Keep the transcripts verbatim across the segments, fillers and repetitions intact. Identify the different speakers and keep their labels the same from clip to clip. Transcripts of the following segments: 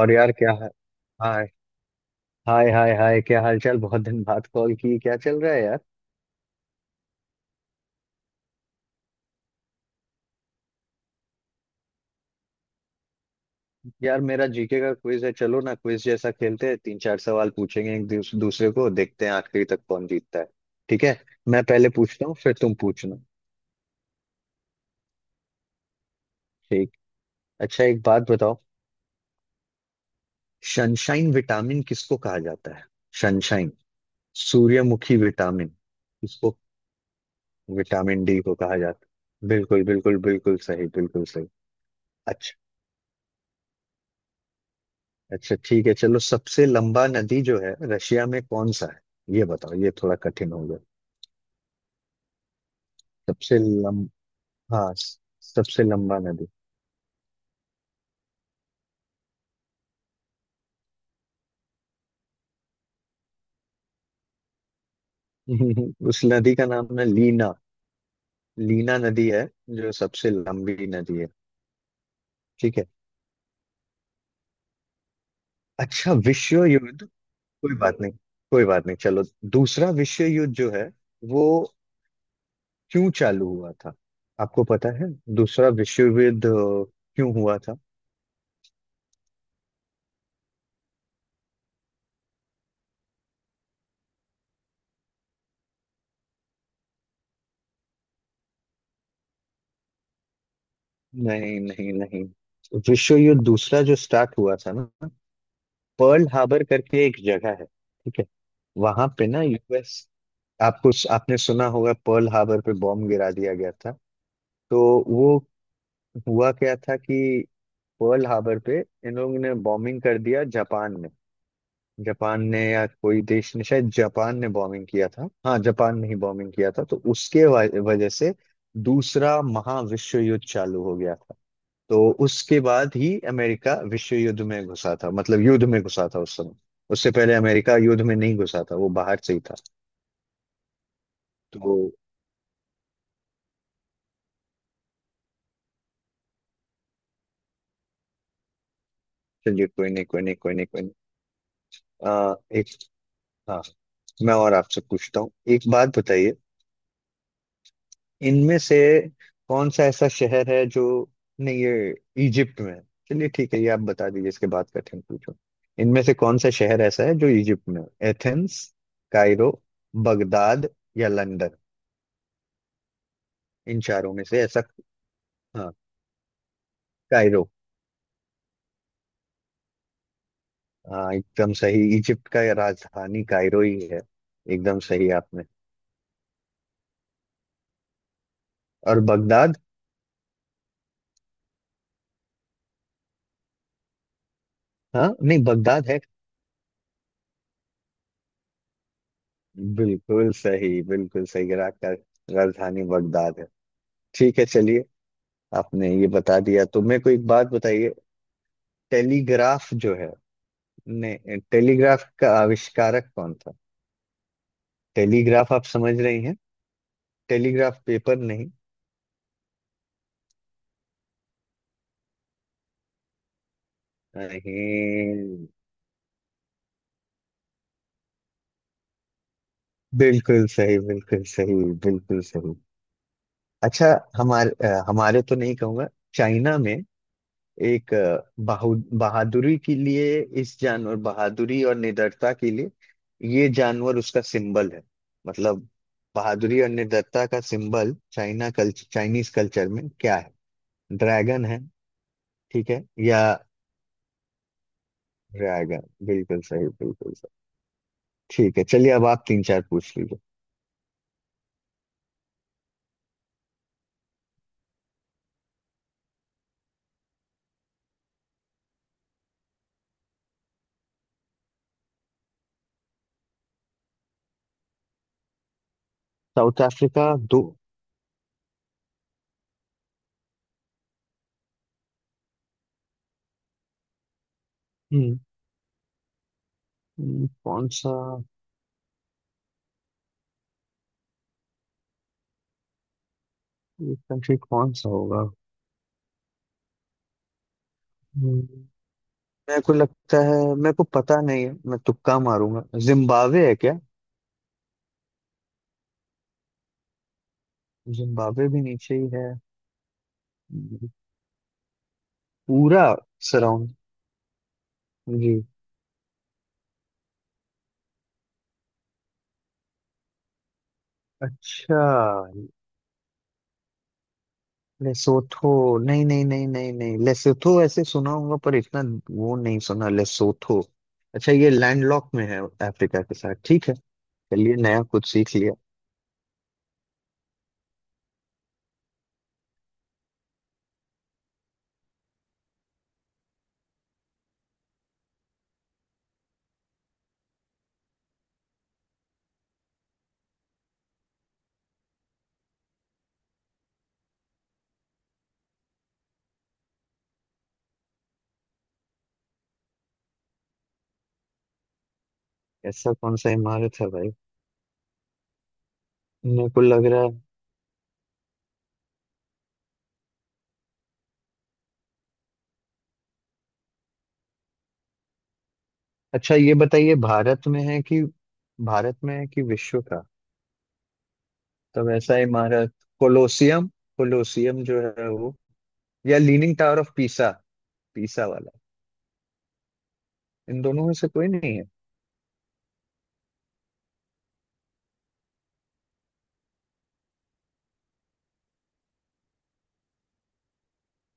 Speaker 1: और यार, क्या हाल। हाय हाय हाय हाय, क्या हाल चाल, बहुत दिन बाद कॉल की, क्या चल रहा है यार। यार मेरा जीके का क्विज है, चलो ना, क्विज जैसा खेलते हैं, तीन चार सवाल पूछेंगे एक दूस, दूसरे को, देखते हैं आखिरी तक कौन जीतता है। ठीक है। मैं पहले पूछता हूँ फिर तुम पूछना। ठीक। अच्छा, एक बात बताओ। सनशाइन विटामिन किसको कहा जाता है? सनशाइन सूर्यमुखी विटामिन किसको? विटामिन डी को कहा जाता है। बिल्कुल बिल्कुल बिल्कुल सही, बिल्कुल सही। अच्छा, अच्छा ठीक है चलो। सबसे लंबा नदी जो है रशिया में कौन सा है ये बताओ, ये थोड़ा कठिन हो गया। सबसे लम हाँ स- सबसे लंबा नदी। उस नदी का नाम है लीना। लीना नदी है जो सबसे लंबी नदी है। ठीक है। अच्छा विश्व युद्ध, कोई बात नहीं, कोई बात नहीं चलो। दूसरा विश्व युद्ध जो है वो क्यों चालू हुआ था, आपको पता है? दूसरा विश्व युद्ध अ, क्यों हुआ था? नहीं नहीं नहीं। विश्व युद्ध दूसरा जो स्टार्ट हुआ था ना, पर्ल हार्बर करके एक जगह है, ठीक है। वहां पे ना यूएस, आपको, आपने सुना होगा पर्ल हार्बर पे बॉम्ब गिरा दिया गया था। तो वो हुआ क्या था कि पर्ल हार्बर पे इन लोगों ने बॉम्बिंग कर दिया, जापान ने। जापान ने, या कोई देश ने, शायद जापान ने बॉम्बिंग किया था, हाँ जापान ने ही बॉम्बिंग किया था। तो उसके वा- वजह से दूसरा महाविश्व युद्ध चालू हो गया था। तो उसके बाद ही अमेरिका विश्व युद्ध में घुसा था, मतलब युद्ध में घुसा था उस समय। उससे पहले अमेरिका युद्ध में नहीं घुसा था, वो बाहर से ही था। तो चलिए कोई नहीं कोई नहीं कोई नहीं कोई नहीं। आ, एक, हाँ, मैं और आपसे पूछता हूँ, एक बात बताइए। इनमें से कौन सा ऐसा शहर है जो नहीं, ये इजिप्ट में है। चलिए ठीक है, ये आप बता दीजिए, इसके बाद कठिन पूछो। इनमें से कौन सा शहर ऐसा है जो इजिप्ट में है, एथेंस, कायरो, बगदाद या लंदन? इन चारों में से ऐसा। हाँ, कायरो। हाँ एकदम सही, इजिप्ट का ये राजधानी कायरो ही है। एकदम सही आपने। और बगदाद। हाँ नहीं, बगदाद है। बिल्कुल सही बिल्कुल सही, इराक का राजधानी बगदाद है। ठीक है चलिए। आपने ये बता दिया तो मेरे को एक बात बताइए। टेलीग्राफ जो है ने, टेलीग्राफ का आविष्कारक कौन था? टेलीग्राफ आप समझ रही हैं? टेलीग्राफ, पेपर नहीं। नहीं, बिल्कुल सही बिल्कुल सही बिल्कुल सही। अच्छा, हमारे अ, हमारे तो नहीं कहूंगा, चाइना में एक अ, बहु बहादुरी के लिए, इस जानवर, बहादुरी और निडरता के लिए ये जानवर उसका सिंबल है। मतलब बहादुरी और निडरता का symbol China culture, Chinese culture में क्या है? ड्रैगन है, ठीक है या? ड्रैगन, बिल्कुल सही बिल्कुल सही। ठीक है, चलिए अब आप तीन चार पूछ लीजिए। साउथ अफ्रीका, दो। हम्म। हम्म, कौन सा? ये कंट्री कौन सा होगा? हम्म, मेरे को लगता है, मेरे को पता नहीं है, मैं तुक्का मारूंगा। जिम्बाब्वे है क्या? जिम्बाब्वे भी नीचे ही है। पूरा सराउंड? जी। अच्छा, लेसोथो। नहीं नहीं नहीं नहीं नहीं, लेसोथो ऐसे सुना होगा पर इतना वो नहीं सुना, लेसोथो। अच्छा ये लैंडलॉक में है अफ्रीका के साथ, ठीक है। चलिए नया कुछ सीख लिया। ऐसा कौन सा इमारत है भाई? मेरे को लग रहा है। अच्छा ये बताइए, भारत में है कि भारत में है कि विश्व का? तो वैसा ही हमारा कोलोसियम, कोलोसियम जो है वो, या leaning tower of Pisa, Pisa वाला? इन दोनों में से कोई नहीं है?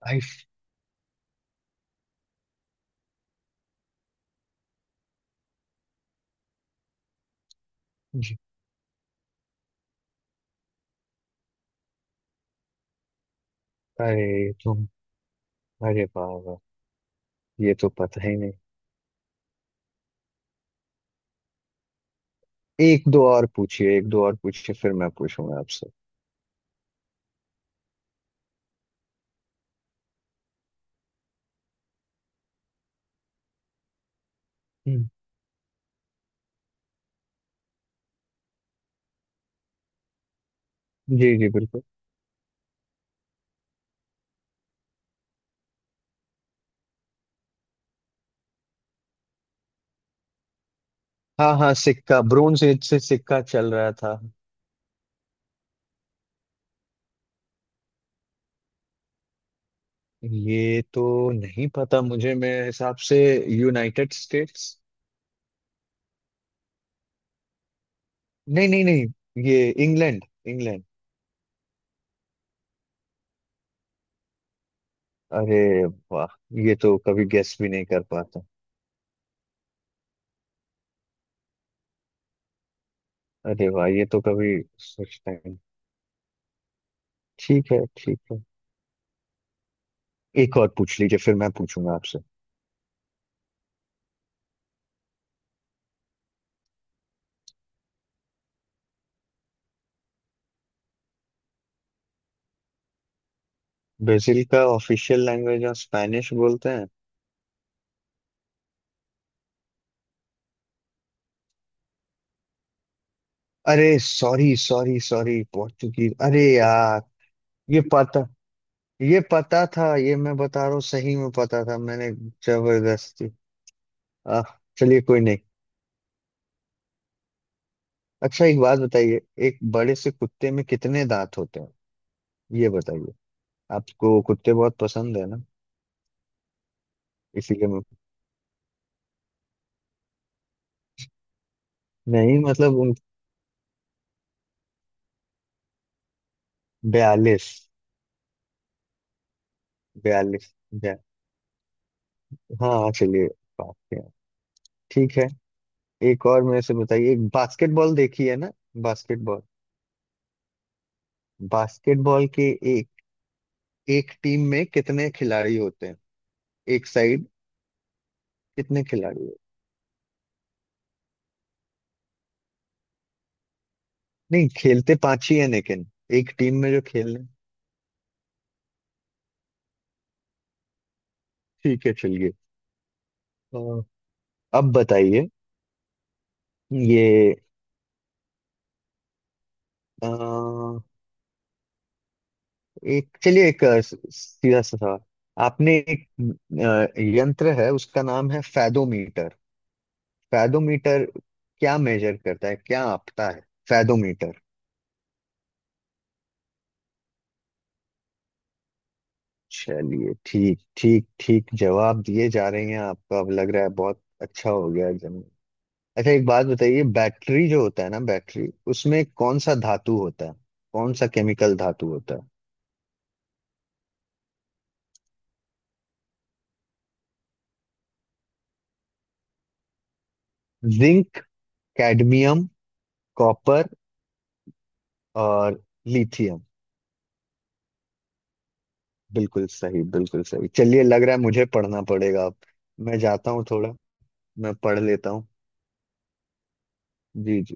Speaker 1: आई। अरे तुम, अरे बाबा, ये तो पता ही नहीं। एक दो और पूछिए, एक दो और पूछिए, फिर मैं पूछूंगा आपसे। हम्म, जी जी, बिल्कुल। हाँ हाँ, सिक्का, ब्रोंज एज से सिक्का चल रहा था। ये तो नहीं पता मुझे, मेरे हिसाब से यूनाइटेड स्टेट्स। नहीं नहीं नहीं, ये इंग्लैंड, इंग्लैंड। अरे वाह, ये तो कभी गेस भी नहीं कर पाता। अरे वाह, ये तो कभी सोचता ही नहीं। ठीक है ठीक है। एक और पूछ लीजिए फिर मैं पूछूंगा आपसे। ब्राजील का ऑफिशियल लैंग्वेज, और स्पेनिश बोलते हैं। अरे सॉरी सॉरी सॉरी, पोर्तुगीज, अरे यार। ये पता, ये पता था, ये मैं बता रहा हूँ, सही में पता था मैंने। जबरदस्ती, आह, चलिए कोई नहीं। अच्छा एक बात बताइए, एक बड़े से कुत्ते में कितने दांत होते हैं ये बताइए। आपको कुत्ते बहुत पसंद है ना, इसीलिए मैं- नहीं मतलब उन। बयालीस। बयालीस बया, हाँ चलिए, बात है, ठीक है। एक और मेरे से बताइए, एक बास्केटबॉल देखी है ना, बास्केटबॉल। बास्केटबॉल के एक, एक टीम में कितने खिलाड़ी होते हैं एक साइड? कितने खिलाड़ी होते हैं? नहीं, खेलते पांच ही हैं लेकिन एक टीम में जो खेल रहे हैं। ठीक है चलिए। अ, अब बताइए ये अ, एक, चलिए एक अ, स- सीधा सा सवाल। आपने एक अ, यंत्र है उसका नाम है फैदोमीटर, फैदोमीटर क्या मेजर करता है क्या आपता है? फैदोमीटर। चलिए ठीक ठीक ठीक, जवाब दिए जा रहे हैं आपका, अब लग रहा है बहुत अच्छा हो गया जन। अच्छा एक बात बताइए, बैटरी जो होता है ना, बैटरी उसमें कौन सा धातु होता है, कौन सा केमिकल धातु होता है? जिंक, कैडमियम, कॉपर और लिथियम। बिल्कुल सही बिल्कुल सही, चलिए लग रहा है मुझे पढ़ना पड़ेगा अब। मैं जाता हूँ थोड़ा, मैं पढ़ लेता हूँ। जी जी।